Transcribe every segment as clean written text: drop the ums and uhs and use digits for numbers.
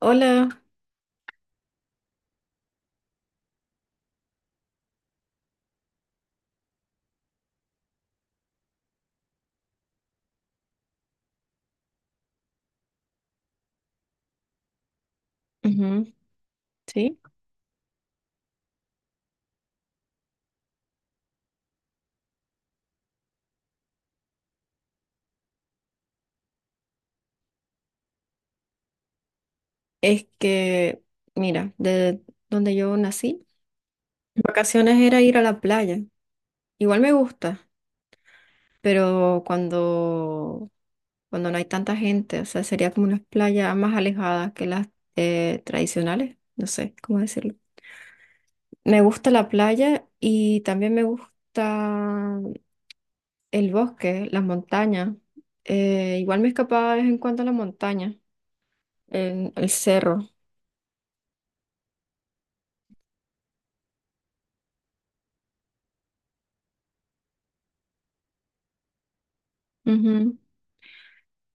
Hola, ujú, sí. Es que, mira, de donde yo nací, vacaciones era ir a la playa. Igual me gusta, pero cuando no hay tanta gente, o sea, sería como unas playas más alejadas que las tradicionales, no sé cómo decirlo. Me gusta la playa y también me gusta el bosque, las montañas. Igual me escapaba de vez en cuando a la montaña, en el cerro.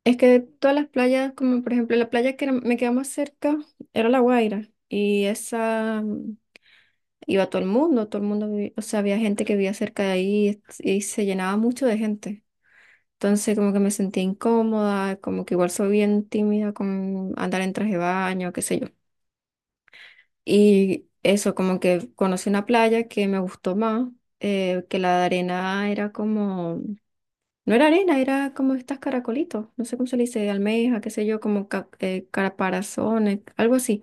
Es que todas las playas, como por ejemplo la playa que era- me quedaba más cerca, era La Guaira. Y esa iba todo el mundo, o sea, había gente que vivía cerca de ahí y se llenaba mucho de gente. Entonces como que me sentía incómoda, como que igual soy bien tímida con andar en traje de baño, qué sé yo. Y eso, como que conocí una playa que me gustó más, que la de arena era como no era arena, era como estas caracolitos, no sé cómo se le dice, almeja, qué sé yo, caparazones, algo así.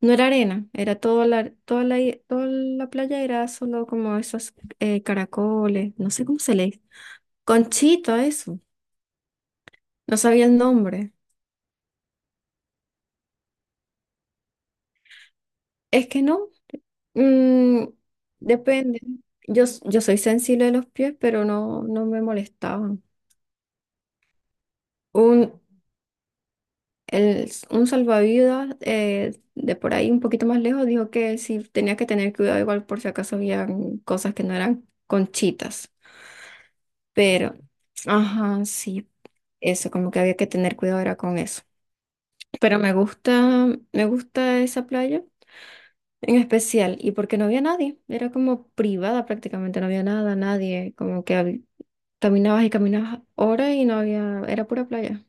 No era arena, era toda la playa era solo como esos caracoles, no sé cómo se le dice. Conchita, eso, no sabía el nombre. Es que no, mm, depende. Yo, yo soy sensible de los pies, pero no, no me molestaban. Un un salvavidas de por ahí un poquito más lejos dijo que sí tenía que tener cuidado igual por si acaso habían cosas que no eran conchitas. Pero, ajá, sí, eso, como que había que tener cuidado era con eso. Pero me gusta esa playa en especial y porque no había nadie, era como privada prácticamente, no había nada, nadie, caminabas y caminabas horas y no había, era pura playa.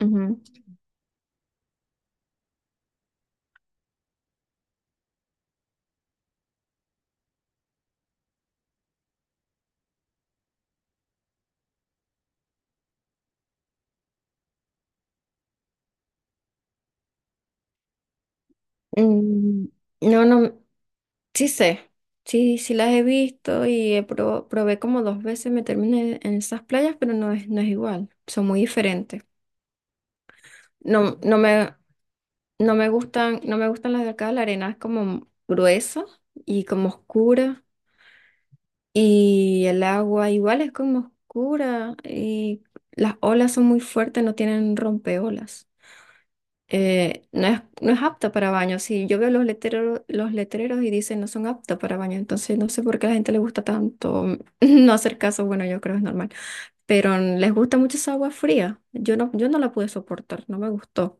Ujú. Mm, no, no. Sí sé, sí, sí las he visto y he probé como dos veces meterme en esas playas, pero no es, no es igual, son muy diferentes. No, no me gustan, no me gustan las de acá, la arena es como gruesa y como oscura y el agua igual es como oscura y las olas son muy fuertes, no tienen rompeolas. No es, no es apta para baño. Si yo veo los letreros y dicen no son aptas para baño, entonces no sé por qué a la gente le gusta tanto no hacer caso. Bueno, yo creo que es normal. Pero les gusta mucho esa agua fría. Yo no, yo no la pude soportar, no me gustó.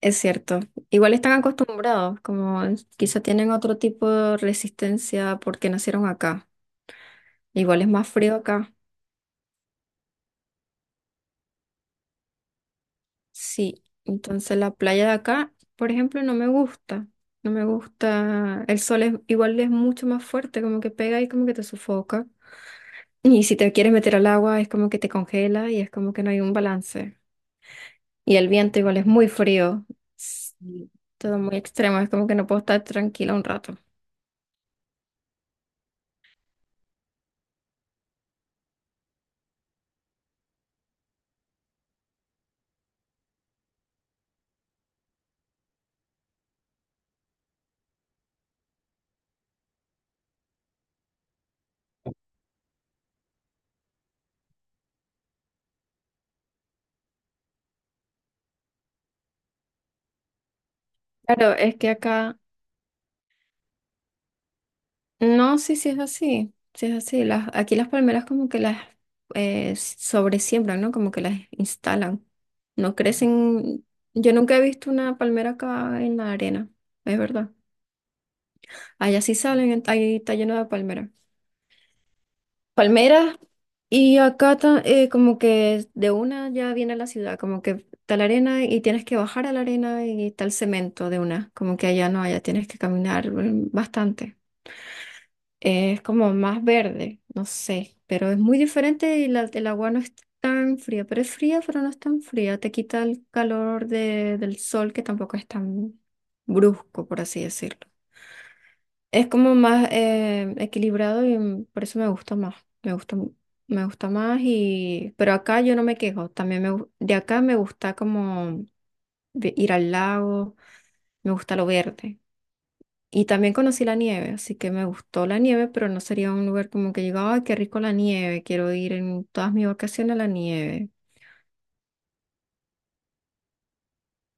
Es cierto. Igual están acostumbrados, como quizá tienen otro tipo de resistencia porque nacieron acá. Igual es más frío acá. Sí, entonces la playa de acá, por ejemplo, no me gusta. No me gusta. El sol es igual es mucho más fuerte, como que pega y como que te sufoca. Y si te quieres meter al agua, es como que te congela y es como que no hay un balance. Y el viento igual es muy frío. Sí. Todo muy extremo, es como que no puedo estar tranquila un rato. Claro, es que acá, no, sí, sí es así. Sí es así. Las, aquí las palmeras como que las sobresiembran, ¿no? Como que las instalan. No crecen, yo nunca he visto una palmera acá en la arena, es verdad. Allá sí salen, ahí está lleno de palmeras. Palmeras, y acá, como que de una ya viene la ciudad, como que está la arena y tienes que bajar a la arena y está el cemento de una, como que allá no, allá tienes que caminar bastante. Es como más verde, no sé, pero es muy diferente y la, el agua no es tan fría, pero es fría, pero no es tan fría. Te quita el calor del sol, que tampoco es tan brusco, por así decirlo. Es como más equilibrado y por eso me gusta más. Me gusta, mu- Me gusta más y... Pero acá yo no me quejo. De acá me gusta como ir al lago, me gusta lo verde. Y también conocí la nieve, así que me gustó la nieve, pero no sería un lugar como que llegaba, ay, qué rico la nieve, quiero ir en todas mis vacaciones a la nieve.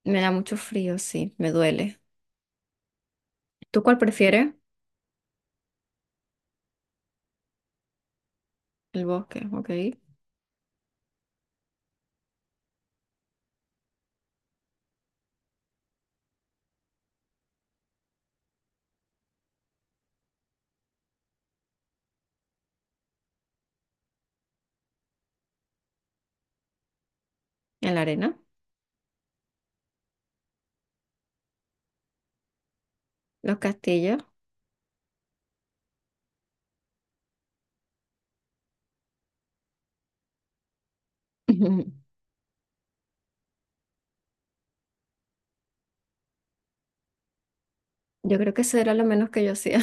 Me da mucho frío, sí, me duele. ¿Tú cuál prefieres? El bosque, ok. En la arena, los castillos. Yo creo que eso era lo menos que yo hacía.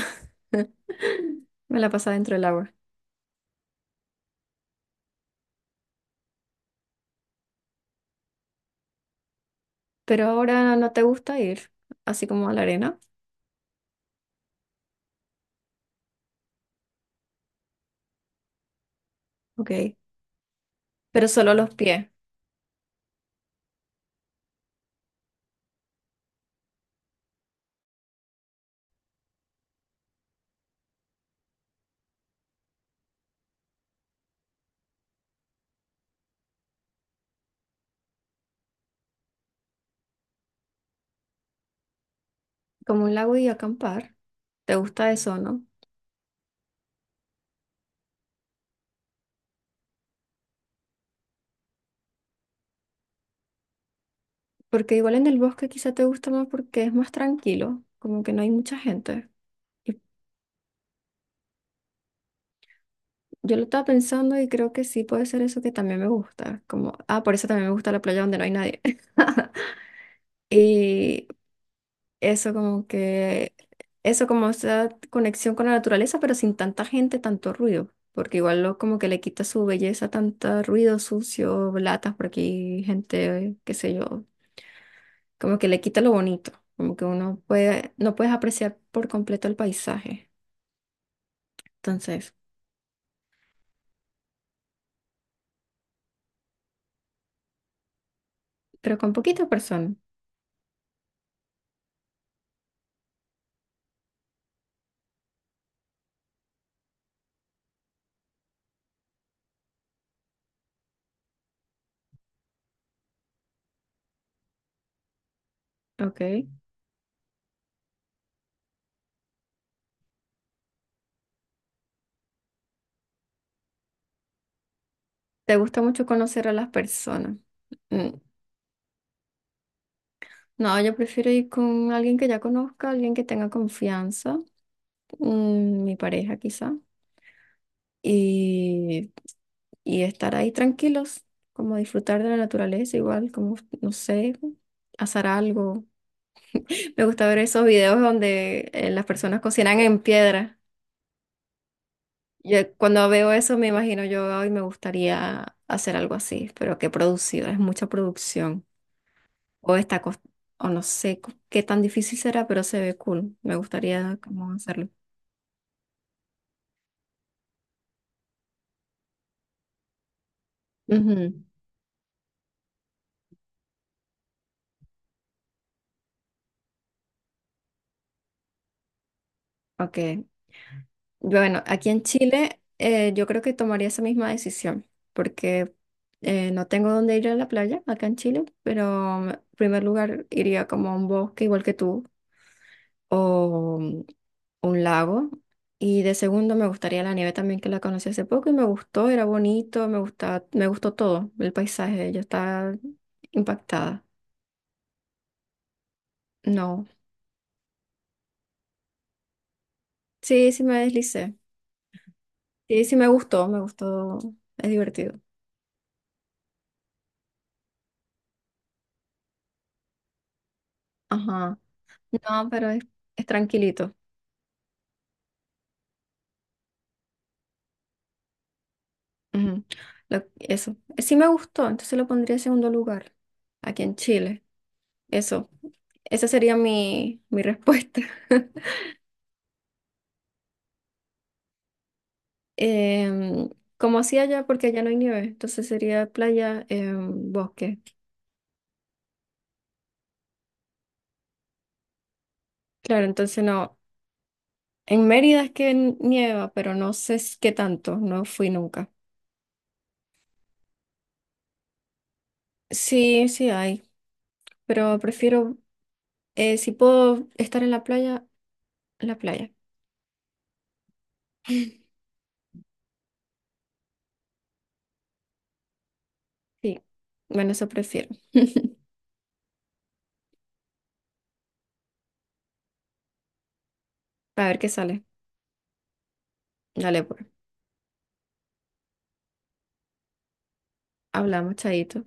Me la pasaba dentro del agua. Pero ahora no te gusta ir, así como a la arena, ok. Pero solo los pies, como un lago y acampar. ¿Te gusta eso, no porque igual en el bosque quizá te gusta más porque es más tranquilo, como que no hay mucha gente. Y yo lo estaba pensando y creo que sí puede ser eso que también me gusta. Como, ah, por eso también me gusta la playa donde no hay nadie. Y eso como que, eso como esa conexión con la naturaleza, pero sin tanta gente, tanto ruido. Porque igual lo, como que le quita su belleza, tanto ruido sucio, latas por aquí, gente, qué sé yo. Como que le quita lo bonito. Como que uno puede, no puedes apreciar por completo el paisaje. Entonces, pero con poquita persona, ¿ok? ¿Te gusta mucho conocer a las personas? Mm, no, yo prefiero ir con alguien que ya conozca, alguien que tenga confianza, mi pareja quizá, y, y estar ahí tranquilos, como disfrutar de la naturaleza igual, como, no sé, asar algo. Me gusta ver esos videos donde las personas cocinan en piedra. Yo cuando veo eso me imagino yo hoy me gustaría hacer algo así, pero qué producido, es mucha producción. O está, cos- o no sé qué tan difícil será, pero se ve cool. Me gustaría cómo hacerlo. Ujú, ok. Bueno, aquí en Chile yo creo que tomaría esa misma decisión, porque no tengo dónde ir a la playa acá en Chile, pero en primer lugar iría como a un bosque igual que tú, o un lago. Y de segundo me gustaría la nieve también, que la conocí hace poco y me gustó, era bonito, me gusta, me gustó todo, el paisaje, yo estaba impactada. No. Sí, sí me deslicé. Sí, sí me gustó, me gustó. Es divertido. Ajá. No, pero es tranquilito. Ujú. Lo- eso. Sí me gustó, entonces lo pondría en segundo lugar, aquí en Chile. Eso. Esa sería mi, mi respuesta. Em, Como así allá, porque allá no hay nieve, entonces sería playa, em, bosque. Claro, entonces no. En Mérida es que nieva, pero no sé qué tanto, no fui nunca. Sí, sí hay, pero prefiero si puedo estar en la playa, en la playa. Sí, bueno, eso prefiero. A ver qué sale. Dale, pues. Hablamos, chaito.